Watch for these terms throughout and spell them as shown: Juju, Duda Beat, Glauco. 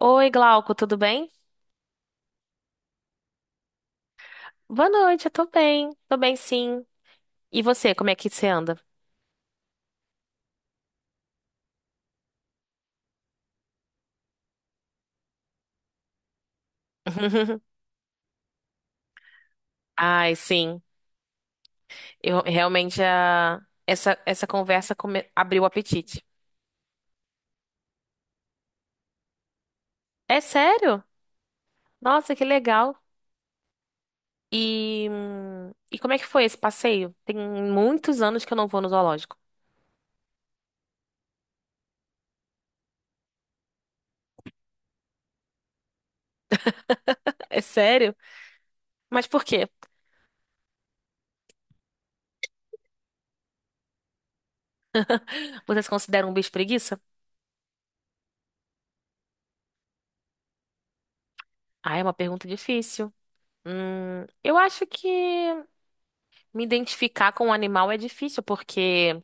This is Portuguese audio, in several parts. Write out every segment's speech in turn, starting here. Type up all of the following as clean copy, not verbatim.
Oi, Glauco, tudo bem? Boa noite, eu tô bem. Tô bem, sim. E você, como é que você anda? Ai, sim. Eu realmente a... essa conversa come- abriu o apetite. É sério? Nossa, que legal. E como é que foi esse passeio? Tem muitos anos que eu não vou no zoológico. É sério? Mas por quê? Você se considera um bicho preguiça? Ah, é uma pergunta difícil. Eu acho que me identificar com um animal é difícil, porque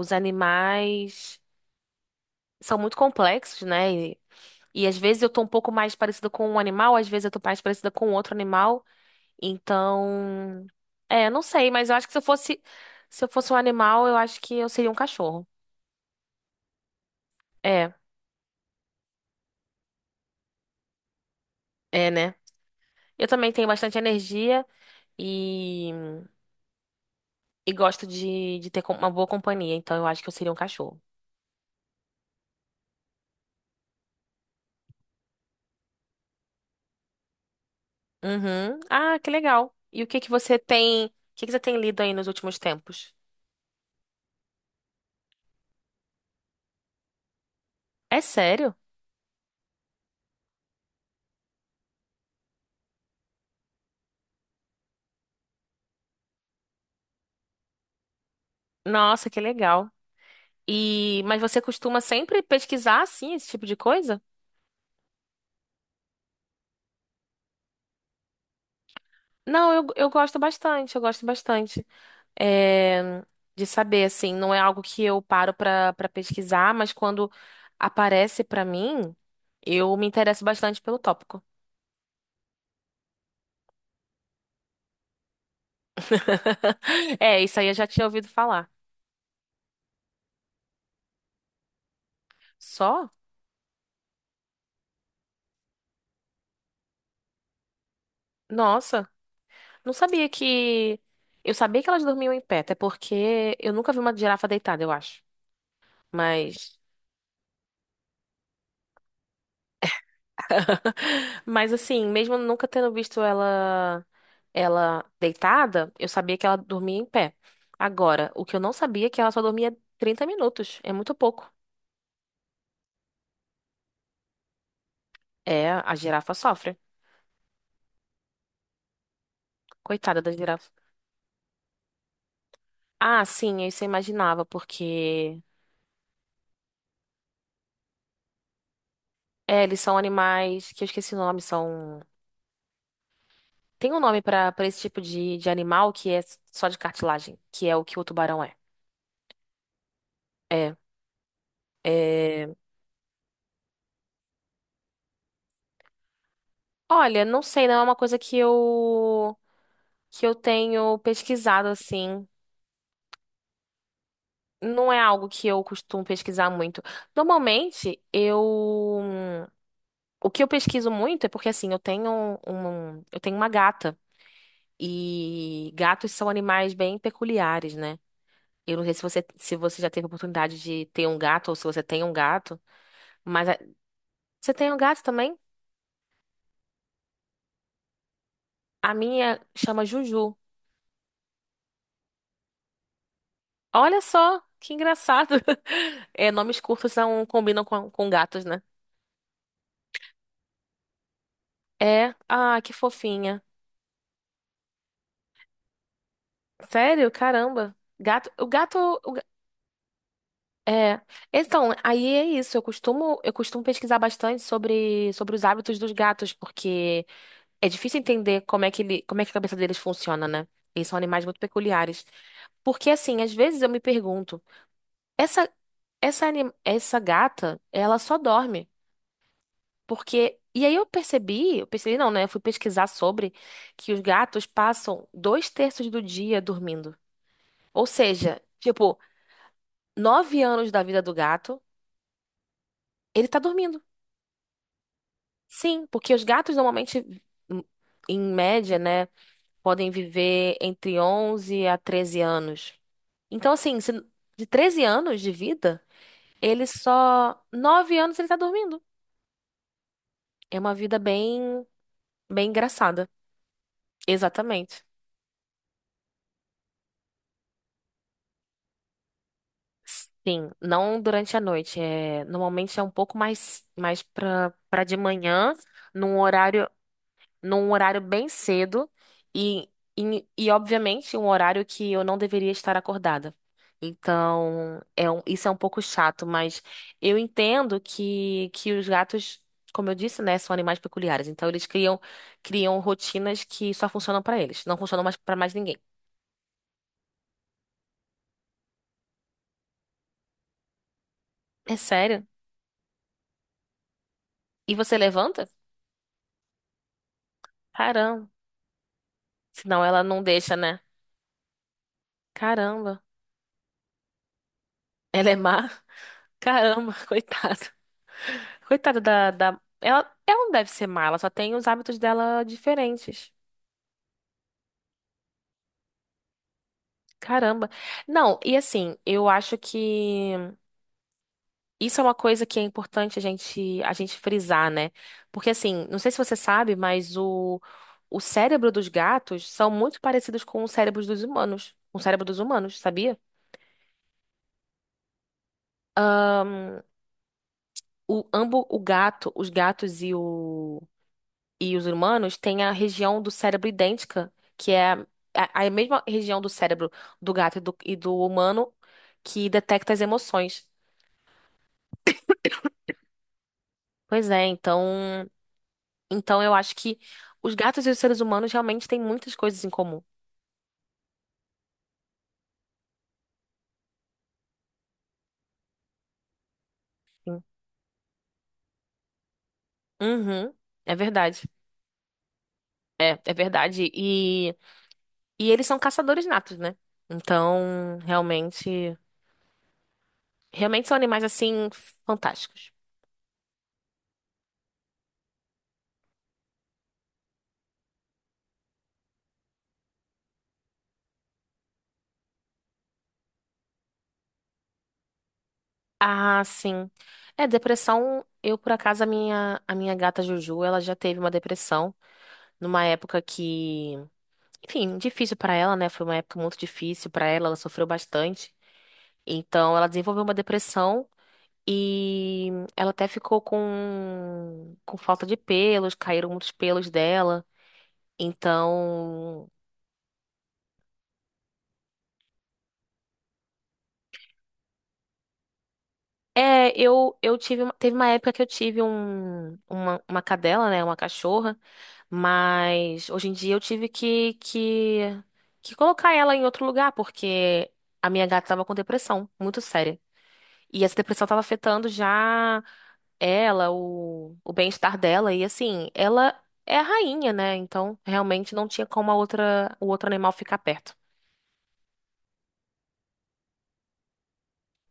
os animais são muito complexos, né? E às vezes eu tô um pouco mais parecida com um animal, às vezes eu tô mais parecida com outro animal. Então, é, não sei, mas eu acho que se eu fosse um animal, eu acho que eu seria um cachorro. É, é, né? Eu também tenho bastante energia e, e gosto de ter com- uma boa companhia, então eu acho que eu seria um cachorro. Uhum. Ah, que legal. E o que que você tem lido aí nos últimos tempos? É sério? Nossa, que legal. E, mas você costuma sempre pesquisar assim esse tipo de coisa? Não, eu gosto bastante é, de saber assim. Não é algo que eu paro pra para pesquisar, mas quando aparece pra mim, eu me interesso bastante pelo tópico. É, isso aí eu já tinha ouvido falar. Só? Nossa, não sabia que. Eu sabia que elas dormiam em pé, até porque eu nunca vi uma girafa deitada, eu acho. Mas. Mas assim, mesmo nunca tendo visto ela deitada, eu sabia que ela dormia em pé. Agora, o que eu não sabia é que ela só dormia 30 minutos. É muito pouco. É, a girafa sofre. Coitada da girafa. Ah, sim, isso eu imaginava, porque é, eles são animais que eu esqueci o nome, são. Tem um nome pra para esse tipo de animal que é só de cartilagem, que é o que o tubarão é. É, é. Olha, não sei, não é uma coisa que eu tenho pesquisado assim. Não é algo que eu costumo pesquisar muito. Normalmente, eu o que eu pesquiso muito é porque assim, eu tenho uma gata e gatos são animais bem peculiares, né? Eu não sei se você já teve a oportunidade de ter um gato ou se você tem um gato, mas a- você tem um gato também? A minha chama Juju. Olha só, que engraçado. É, nomes curtos não combinam com gatos, né? É, ah, que fofinha. Sério? Caramba. Gato, o ga- É. Então, aí é isso. Eu costumo pesquisar bastante sobre, sobre os hábitos dos gatos, porque é difícil entender como é que a cabeça deles funciona, né? Eles são animais muito peculiares. Porque assim, às vezes eu me pergunto, essa essa gata, ela só dorme. Porque e aí eu percebi não, né? Eu fui pesquisar sobre que os gatos passam dois terços do dia dormindo. Ou seja, tipo 9 anos da vida do gato, ele tá dormindo. Sim, porque os gatos normalmente, em em média, né, podem viver entre 11 a 13 anos. Então, assim, se- de 13 anos de vida, ele só. 9 anos ele tá dormindo. É uma vida bem, bem engraçada. Exatamente. Sim, não durante a noite. É, normalmente é um pouco mais, mais pra, pra de manhã, num horário num horário bem cedo e, e, obviamente, um horário que eu não deveria estar acordada. Então, é um- isso é um pouco chato, mas eu entendo que os gatos, como eu disse, né, são animais peculiares. Então, criam rotinas que só funcionam para eles, não funcionam mais para mais ninguém. É sério? E você levanta? Caramba. Senão ela não deixa, né? Caramba. Ela é má? Caramba, coitada. Coitada da, da... Ela não deve ser má, ela só tem os hábitos dela diferentes. Caramba. Não, e assim, eu acho que isso é uma coisa que é importante a gente frisar, né? Porque assim, não sei se você sabe, mas o cérebro dos gatos são muito parecidos com o cérebro dos humanos. Com o cérebro dos humanos, sabia? O, ambos, o gato, os gatos e os humanos têm a região do cérebro idêntica, que é a mesma região do cérebro do gato e do humano que detecta as emoções. Pois é, então, então eu acho que os gatos e os seres humanos realmente têm muitas coisas em comum. Sim. Uhum, é verdade. É, é verdade. E eles são caçadores natos, né? Então, realmente, realmente são animais assim fantásticos. Ah, sim. É, depressão. Eu, por acaso, a minha gata Juju, ela já teve uma depressão numa época que, enfim, difícil pra ela, né? Foi uma época muito difícil pra ela, ela sofreu bastante. Então, ela desenvolveu uma depressão e ela até ficou com falta de pelos, caíram muitos pelos dela. Então, é, eu tive, uma- teve uma época que eu tive um, uma cadela, né? Uma cachorra. Mas hoje em dia eu tive que colocar ela em outro lugar, porque a minha gata estava com depressão, muito séria. E essa depressão estava afetando já ela, o bem-estar dela. E assim, ela é a rainha, né? Então realmente não tinha como a outra, o outro animal ficar perto.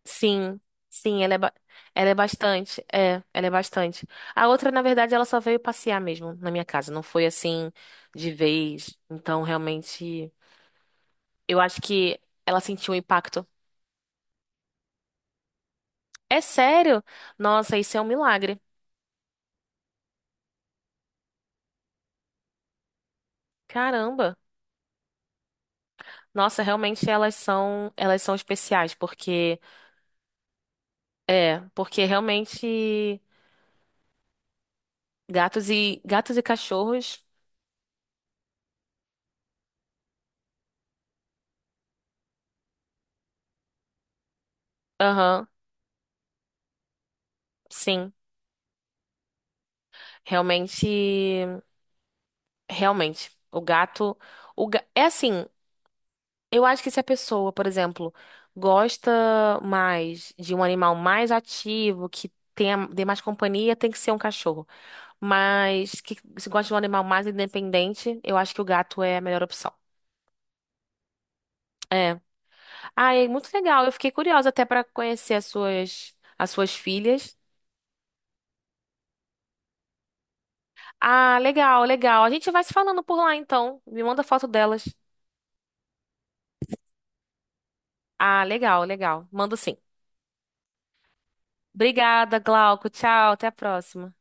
Sim, sim, ela é bastante. É, ela é bastante. A outra, na verdade, ela só veio passear mesmo na minha casa. Não foi assim de vez. Então realmente. Eu acho que ela sentiu o impacto. É sério? Nossa, isso é um milagre. Caramba. Nossa, realmente elas são especiais, porque é, porque realmente gatos e cachorros, aham, sim, realmente, realmente. O gato, o ga- é assim, Eu acho que se a pessoa, por exemplo, gosta mais de um animal mais ativo, que tenha, dê mais companhia, tem que ser um cachorro. Mas que se gosta de um animal mais independente, eu acho que o gato é a melhor opção. É. Ah, é muito legal. Eu fiquei curiosa até pra conhecer as suas filhas. Ah, legal, legal. A gente vai se falando por lá então. Me manda foto delas. Ah, legal, legal. Mando sim. Obrigada, Glauco. Tchau, até a próxima.